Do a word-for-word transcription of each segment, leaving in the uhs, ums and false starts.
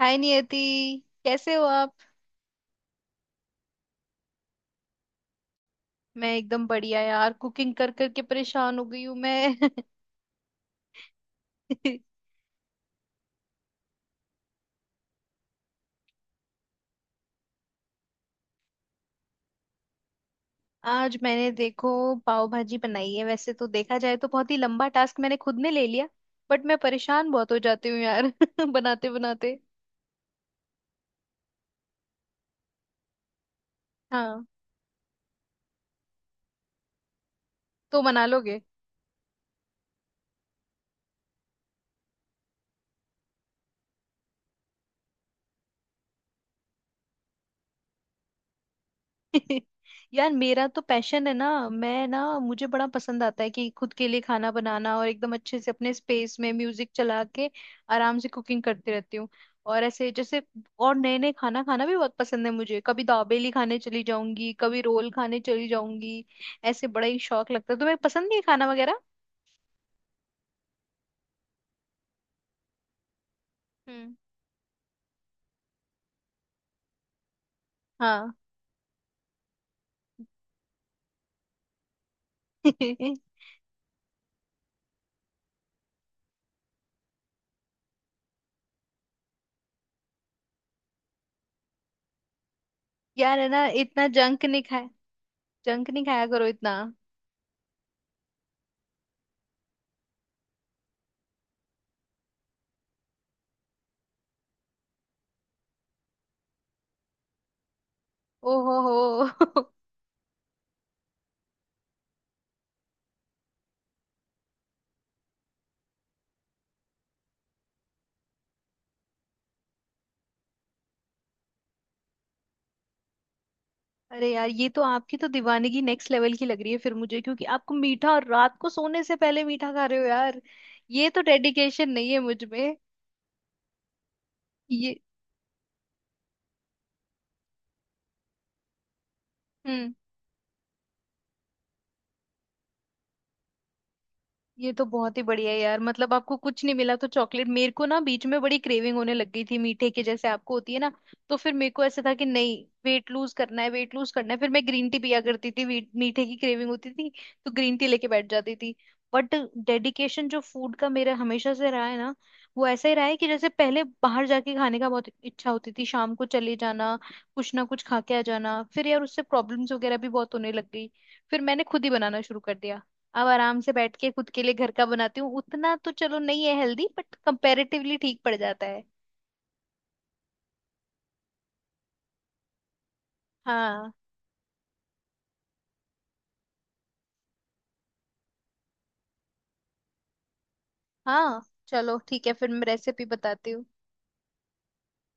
हाय नियति। कैसे हो आप? मैं एकदम बढ़िया यार, कुकिंग कर करके परेशान हो गई हूँ मैं। आज मैंने, देखो, पाव भाजी बनाई है। वैसे तो देखा जाए तो बहुत ही लंबा टास्क मैंने खुद ने ले लिया। बट मैं परेशान बहुत हो जाती हूँ यार, बनाते बनाते। हाँ तो बना लोगे? यार, मेरा तो पैशन है ना, मैं ना, मुझे बड़ा पसंद आता है कि खुद के लिए खाना बनाना और एकदम अच्छे से अपने स्पेस में म्यूजिक चला के आराम से कुकिंग करती रहती हूँ। और ऐसे जैसे। और नए नए खाना खाना भी बहुत पसंद है मुझे, कभी दाबेली खाने चली जाऊंगी, कभी रोल खाने चली जाऊंगी। ऐसे बड़ा ही शौक लगता है। तुम्हें पसंद नहीं है ये खाना वगैरह? हम्म। हाँ। यार है ना, इतना जंक नहीं खाया, जंक नहीं खाया करो इतना। ओ हो। हो। अरे यार, ये तो आपकी तो दीवानगी नेक्स्ट लेवल की लग रही है फिर मुझे, क्योंकि आपको मीठा, और रात को सोने से पहले मीठा खा रहे हो यार। ये तो डेडिकेशन नहीं है मुझ में। ये हम्म। ये तो बहुत ही बढ़िया है यार, मतलब आपको कुछ नहीं मिला तो चॉकलेट। मेरे को ना बीच में बड़ी क्रेविंग होने लग गई थी मीठे की, जैसे आपको होती है ना। तो फिर मेरे को ऐसा था कि नहीं, वेट लूज करना है, वेट लूज करना है। फिर मैं ग्रीन टी पिया करती थी, वी- मीठे की क्रेविंग होती थी। तो ग्रीन टी लेके बैठ जाती थी। बट डेडिकेशन जो फूड का मेरा हमेशा से रहा है ना, वो ऐसा ही रहा है कि जैसे पहले बाहर जाके खाने का बहुत इच्छा होती थी, शाम को चले जाना, कुछ ना कुछ खा के आ जाना। फिर यार उससे प्रॉब्लम्स वगैरह भी बहुत होने लग गई। फिर मैंने खुद ही बनाना शुरू कर दिया। अब आराम से बैठ के खुद के लिए घर का बनाती हूँ, उतना तो चलो नहीं है हेल्दी, बट कंपैरेटिवली ठीक पड़ जाता है। हाँ, हाँ। चलो ठीक है, फिर मैं रेसिपी बताती हूँ।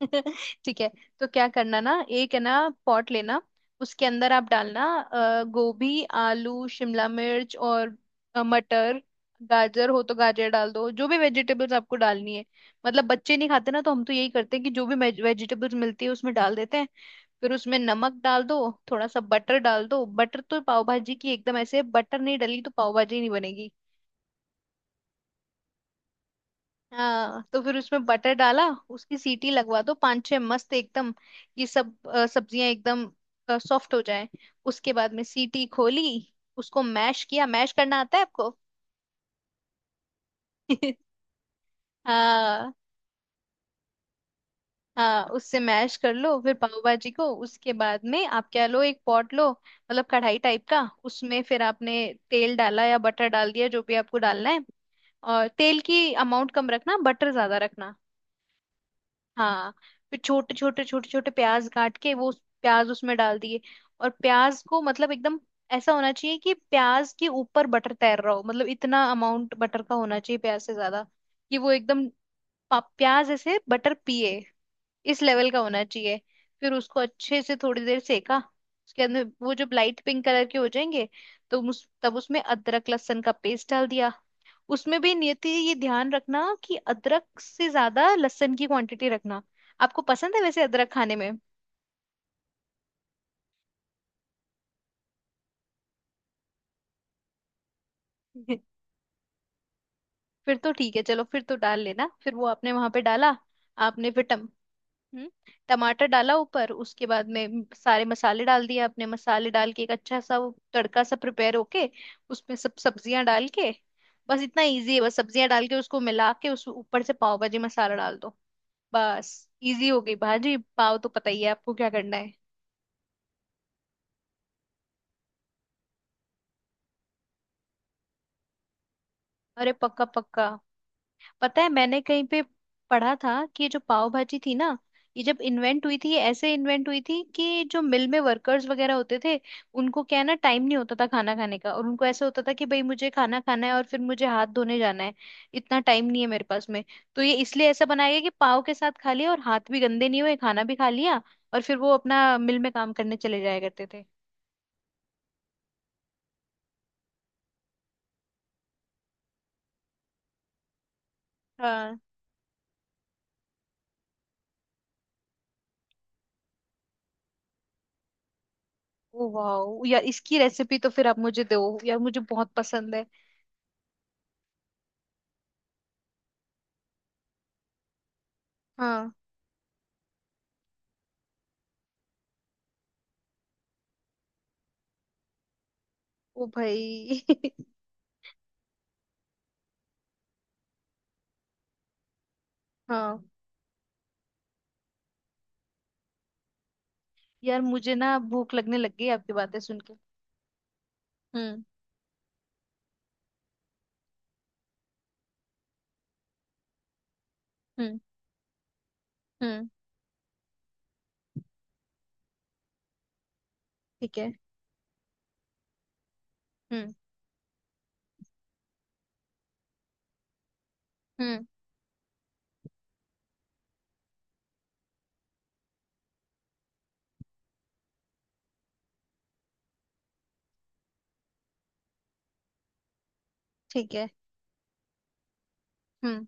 ठीक है। तो क्या करना ना, एक है ना पॉट लेना। उसके अंदर आप डालना अ, गोभी, आलू, शिमला मिर्च और अ, मटर। गाजर हो तो गाजर डाल दो, जो भी वेजिटेबल्स आपको डालनी है। मतलब बच्चे नहीं खाते ना, तो हम तो यही करते हैं कि जो भी वेजिटेबल्स मिलती है उसमें डाल देते हैं। फिर उसमें नमक डाल दो, थोड़ा सा बटर डाल दो। बटर तो पाव भाजी की एकदम ऐसे, बटर नहीं डली तो पाव भाजी नहीं बनेगी। हाँ, तो फिर उसमें बटर डाला, उसकी सीटी लगवा दो पांच छह मस्त एकदम। ये सब अ, सब्जियां एकदम सॉफ्ट हो जाए। उसके बाद में सीटी खोली, उसको मैश किया। मैश करना आता है आपको? हाँ, हाँ, उससे मैश कर लो फिर पाव भाजी को। उसके बाद में आप क्या लो, एक पॉट लो, मतलब कढ़ाई टाइप का। उसमें फिर आपने तेल डाला या बटर डाल दिया, जो भी आपको डालना है। और तेल की अमाउंट कम रखना, बटर ज्यादा रखना। हाँ, फिर छोटे छोटे छोटे छोटे प्याज काट के वो उस- प्याज उसमें डाल दिए। और प्याज को मतलब एकदम ऐसा होना चाहिए कि प्याज के ऊपर बटर तैर रहा हो, मतलब इतना अमाउंट बटर का होना चाहिए प्याज से ज्यादा, कि वो एकदम पा- प्याज ऐसे बटर पिए, इस लेवल का होना चाहिए। फिर उसको अच्छे से थोड़ी देर सेका। उसके अंदर वो जब लाइट पिंक कलर के हो जाएंगे, तो उस, तब उसमें अदरक लहसुन का पेस्ट डाल दिया। उसमें भी नियति, ये ध्यान रखना कि अदरक से ज्यादा लहसुन की क्वांटिटी रखना। आपको पसंद है वैसे अदरक खाने में? फिर तो ठीक है, चलो फिर तो डाल लेना। फिर वो आपने वहां पे डाला। आपने फिर टम हम्म, टमाटर डाला ऊपर। उसके बाद में म- सारे मसाले डाल दिए आपने, मसाले डाल के एक अच्छा सा वो तड़का सा प्रिपेयर होके, उसमें सब सब्जियां डाल के, बस इतना इजी है। बस सब्जियां डाल के उसको मिला के उस ऊपर से पाव भाजी मसाला डाल दो। बस, इजी हो गई भाजी। पाव तो पता ही है आपको क्या करना है। अरे, पक्का, पक्का। पता है मैंने कहीं पे पढ़ा था कि ये जो पाव भाजी थी ना, ये जब इन्वेंट हुई थी, ये ऐसे इन्वेंट हुई थी कि जो मिल में वर्कर्स वगैरह होते थे, उनको क्या है ना, टाइम नहीं होता था खाना खाने का। और उनको ऐसा होता था कि भाई मुझे खाना खाना है और फिर मुझे हाथ धोने जाना है, इतना टाइम नहीं है मेरे पास में। तो ये इसलिए ऐसा बनाया गया कि पाव के साथ खा लिया और हाथ भी गंदे नहीं हुए, खाना भी खा लिया, और फिर वो अपना मिल में काम करने चले जाया करते थे। हाँ। ओ वाह यार, इसकी रेसिपी तो फिर आप मुझे दो यार, मुझे बहुत पसंद है। हाँ। ओ भाई। हाँ यार, मुझे ना भूख लगने लग गई आपकी बातें सुन के। हम्म। हम्म। हम्म। ठीक है। हम्म। हम्म। ठीक है। हम्म।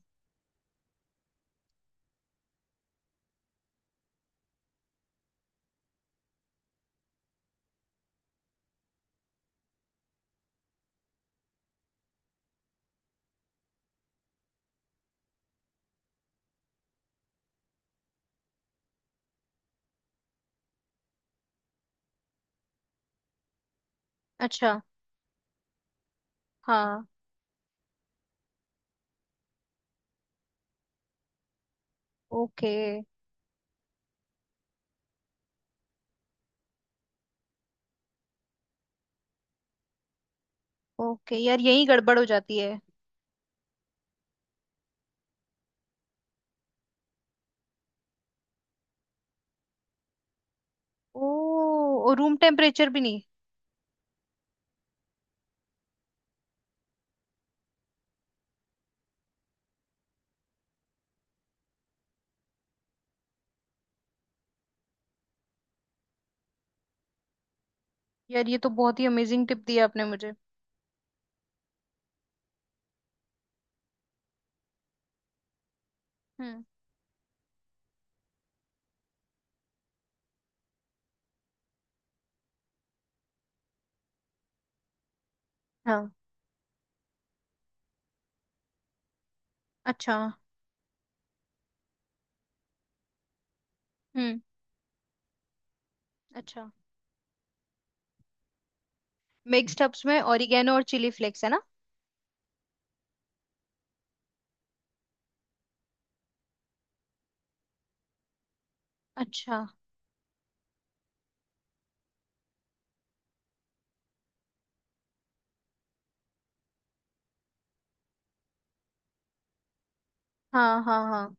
अच्छा। हाँ। ओके। ओके यार, यही गड़बड़ हो जाती है। ओ, रूम टेम्परेचर भी नहीं? यार, ये तो बहुत ही अमेजिंग टिप दी आपने मुझे। हम्म। हाँ। अच्छा। हम्म। अच्छा, मिक्स्ड हब्स में ओरिगेनो और चिली फ्लेक्स है ना? अच्छा। हाँ, हाँ, हाँ।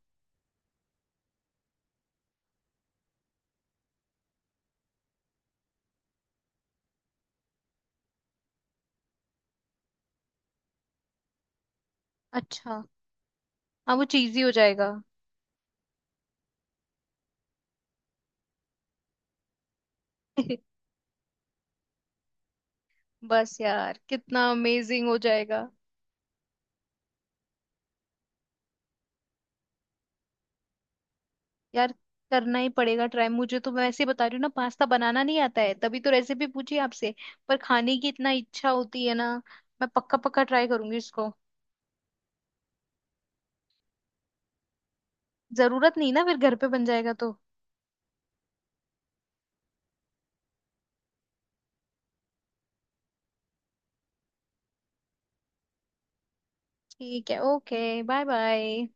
अच्छा। हाँ, वो चीजी हो जाएगा। बस यार, कितना अमेजिंग हो जाएगा। यार, करना ही पड़ेगा ट्राई मुझे तो। मैं ऐसे ही बता रही हूँ ना, पास्ता बनाना नहीं आता है, तभी तो रेसिपी पूछी आपसे। पर खाने की इतना इच्छा होती है ना। मैं पक्का पक्का ट्राई करूंगी इसको। जरूरत नहीं ना, फिर घर पे बन जाएगा तो। ठीक है, ओके। Bye bye.